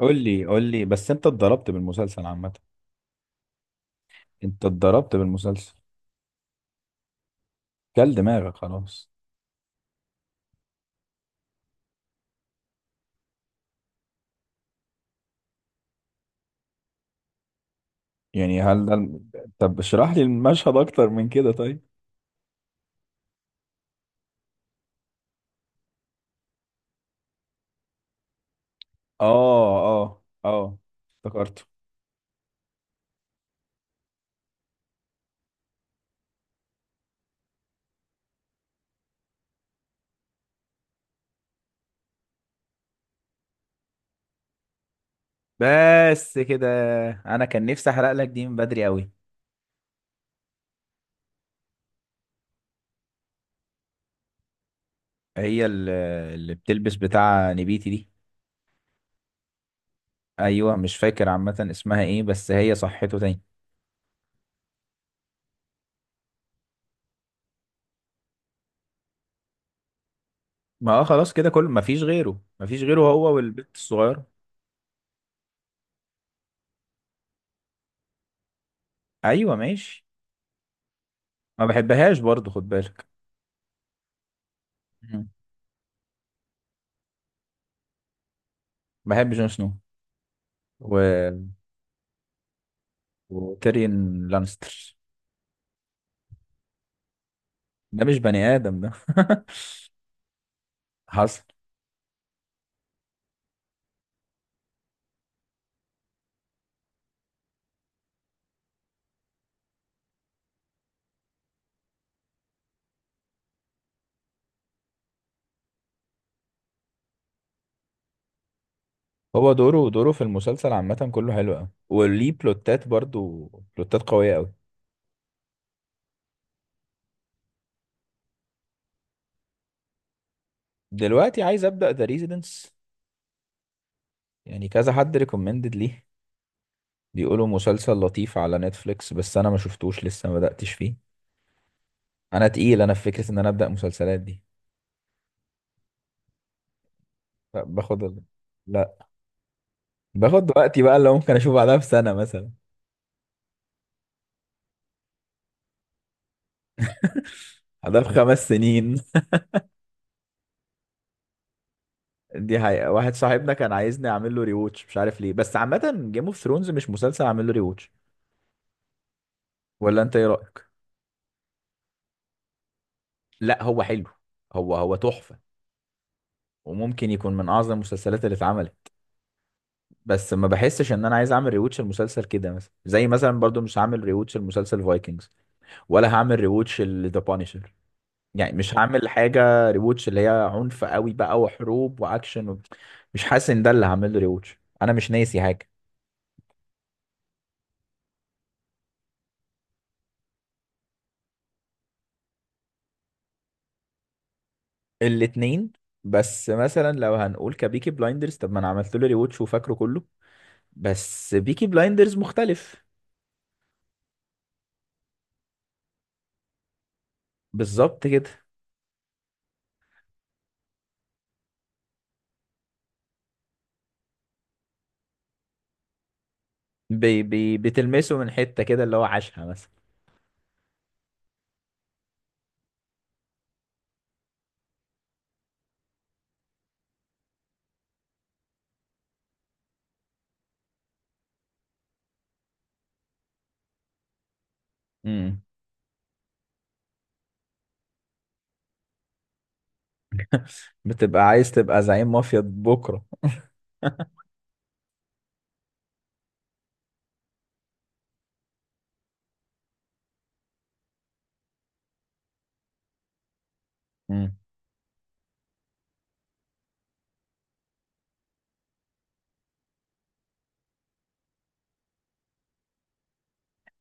قول لي قول لي بس انت اتضربت بالمسلسل عامة. انت اتضربت بالمسلسل. كل دماغك خلاص. يعني هل ده طب اشرح لي المشهد اكتر من كده طيب. اه، اه، اه، افتكرته. بس كده. انا كان نفسي احرق لك دي من بدري قوي. هي اللي بتلبس بتاع نبيتي دي؟ ايوه، مش فاكر عامة اسمها ايه، بس هي صحته تاني؟ ما اه، خلاص كده، كل ما فيش غيره ما فيش غيره، هو والبنت الصغيرة. ايوه ماشي. ما بحبهاش برضه، خد بالك. بحب جون سنو و... وتيريون لانستر. ده مش بني آدم ده حصل. هو دوره في المسلسل عامة كله حلو قوي وليه بلوتات برضو، بلوتات قوية قوي. دلوقتي عايز أبدأ ذا ريزيدنس. يعني كذا حد ريكومندد ليه. بيقولوا مسلسل لطيف على نتفليكس، بس أنا ما شفتوش لسه، ما بدأتش فيه. أنا تقيل، أنا في فكرة إن أنا أبدأ مسلسلات دي. لا، باخد لا باخد وقتي بقى اللي ممكن أشوف بعدها بسنة مثلا. بعدها بخمس سنين. دي حقيقة، واحد صاحبنا كان عايزني اعمل له ريوتش مش عارف ليه، بس عامة جيم اوف ثرونز مش مسلسل اعمل له ريوتش. ولا انت ايه رأيك؟ لا، هو حلو. هو هو تحفة. وممكن يكون من اعظم المسلسلات اللي اتعملت. بس ما بحسش ان انا عايز اعمل ريوتش المسلسل كده، مثلا زي مثلا برضو مش هعمل ريوتش المسلسل فايكنجز. ولا هعمل ريوتش ذا بانشر. يعني مش هعمل حاجة ريوتش اللي هي عنف قوي بقى وحروب واكشن مش حاسس ان ده اللي هعمل له ريوتش، انا مش ناسي حاجة. الاتنين. بس مثلا لو هنقول كبيكي بلايندرز طب ما انا عملت له ريوتش وفاكره كله. بس بيكي بلايندرز مختلف. بالظبط كده. بي بي بتلمسه من حتة كده اللي هو عاشها مثلا. امم. بتبقى عايز تبقى زعيم مافيا بكرة. امم.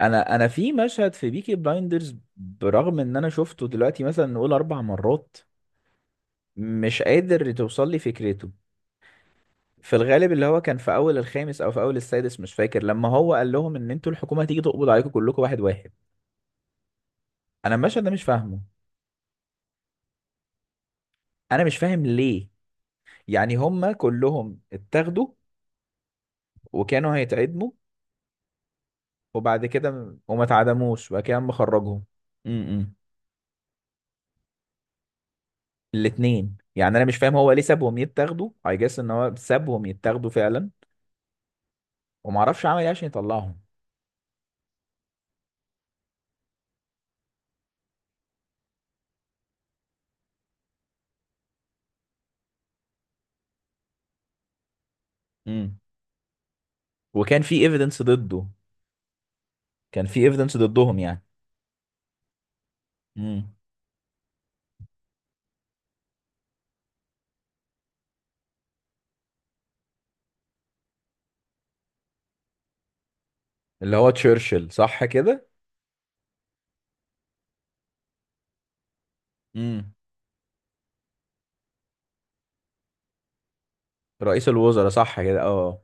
انا في مشهد في بيكي بلايندرز، برغم ان انا شفته دلوقتي مثلا نقول اربع مرات، مش قادر توصل لي فكرته. في الغالب اللي هو كان في اول الخامس او في اول السادس مش فاكر، لما هو قال لهم ان انتوا الحكومه هتيجي تقبض عليكم كلكم واحد واحد. انا المشهد ده مش فاهمه. انا مش فاهم ليه. يعني هما كلهم اتاخدوا وكانوا هيتعدموا وبعد كده وما اتعدموش وبعد كده قام مخرجهم. امم. الاتنين، يعني انا مش فاهم هو ليه سابهم يتاخدوا، اي جاس ان هو سابهم يتاخدوا فعلا ومعرفش عمل ايه عشان يطلعهم. امم. وكان في ايفيدنس ضده. كان في ايفيدنس ضدهم يعني. امم. اللي هو تشرشل صح كده؟ رئيس الوزراء صح كده، اه.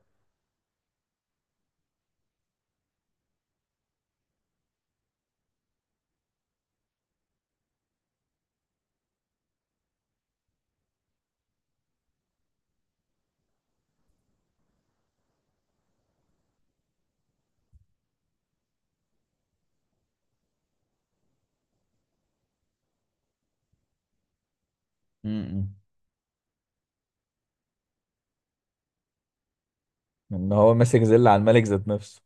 امم. ان هو ماسك زل على الملك ذات نفسه.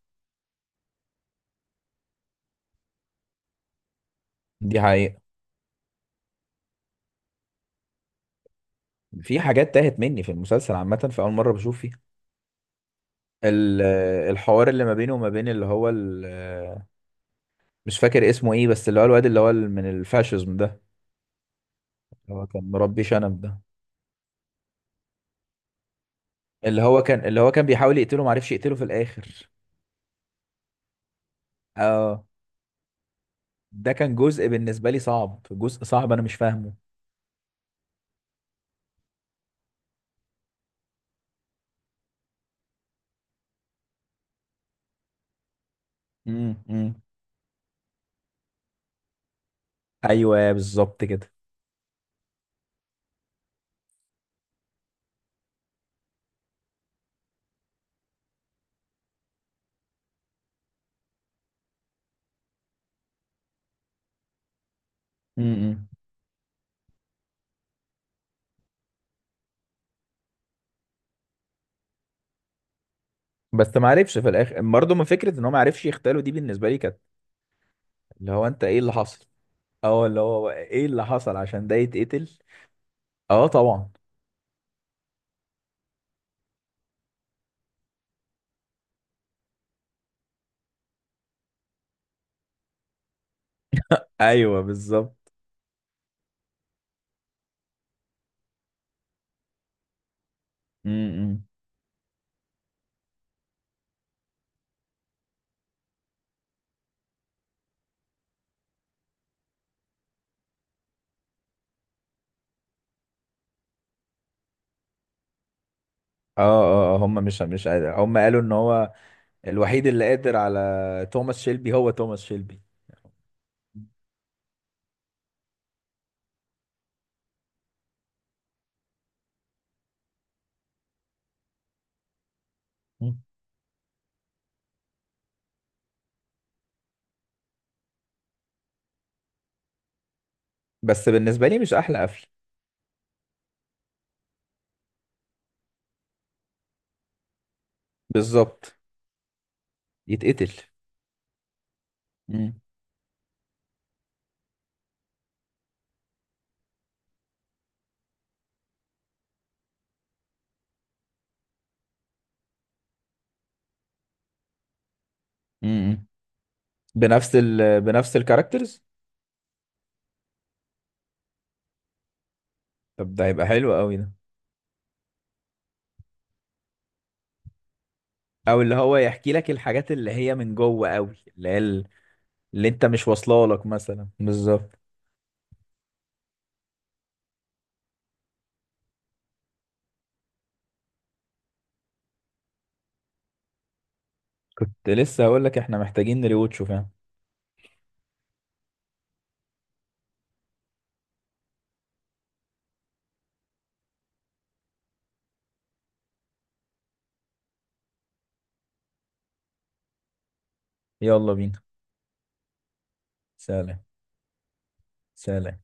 دي حقيقة. في حاجات تاهت مني في المسلسل عامة في أول مرة بشوف فيها. ال- الحوار اللي ما بينه وما بين اللي هو مش فاكر اسمه ايه، بس اللي هو الواد اللي هو من الفاشيزم ده. اللي هو كان مربي شنب ده. اللي هو كان بيحاول يقتله، ما عرفش يقتله في الآخر. اه، ده كان جزء بالنسبة لي صعب، جزء صعب أنا مش فاهمه. امم، امم. أيوه بالظبط كده. بس ما عرفش في الاخر برضه ما فكره ان هو ما عرفش يغتاله، دي بالنسبه لي كانت اللي هو انت ايه اللي حصل. اه، اللي هو ايه اللي حصل عشان ده يتقتل. اه طبعا. ايوه بالظبط. امم. اه، اه، آه، هم مش قادر، هم قالوا ان هو الوحيد اللي قادر على توماس شيلبي هو توماس شيلبي. مم. بس بالنسبه لي مش احلى قفل. بالظبط. يتقتل. مم. مم. بنفس الكاركترز. طب ده هيبقى حلو قوي ده. او اللي هو يحكي لك الحاجات اللي هي من جوه قوي اللي هي اللي انت مش واصله لك مثلا، بالظبط. كنت لسه هقول لك احنا محتاجين نريوتشو، فاهم. يلا بينا. سلام. سلام.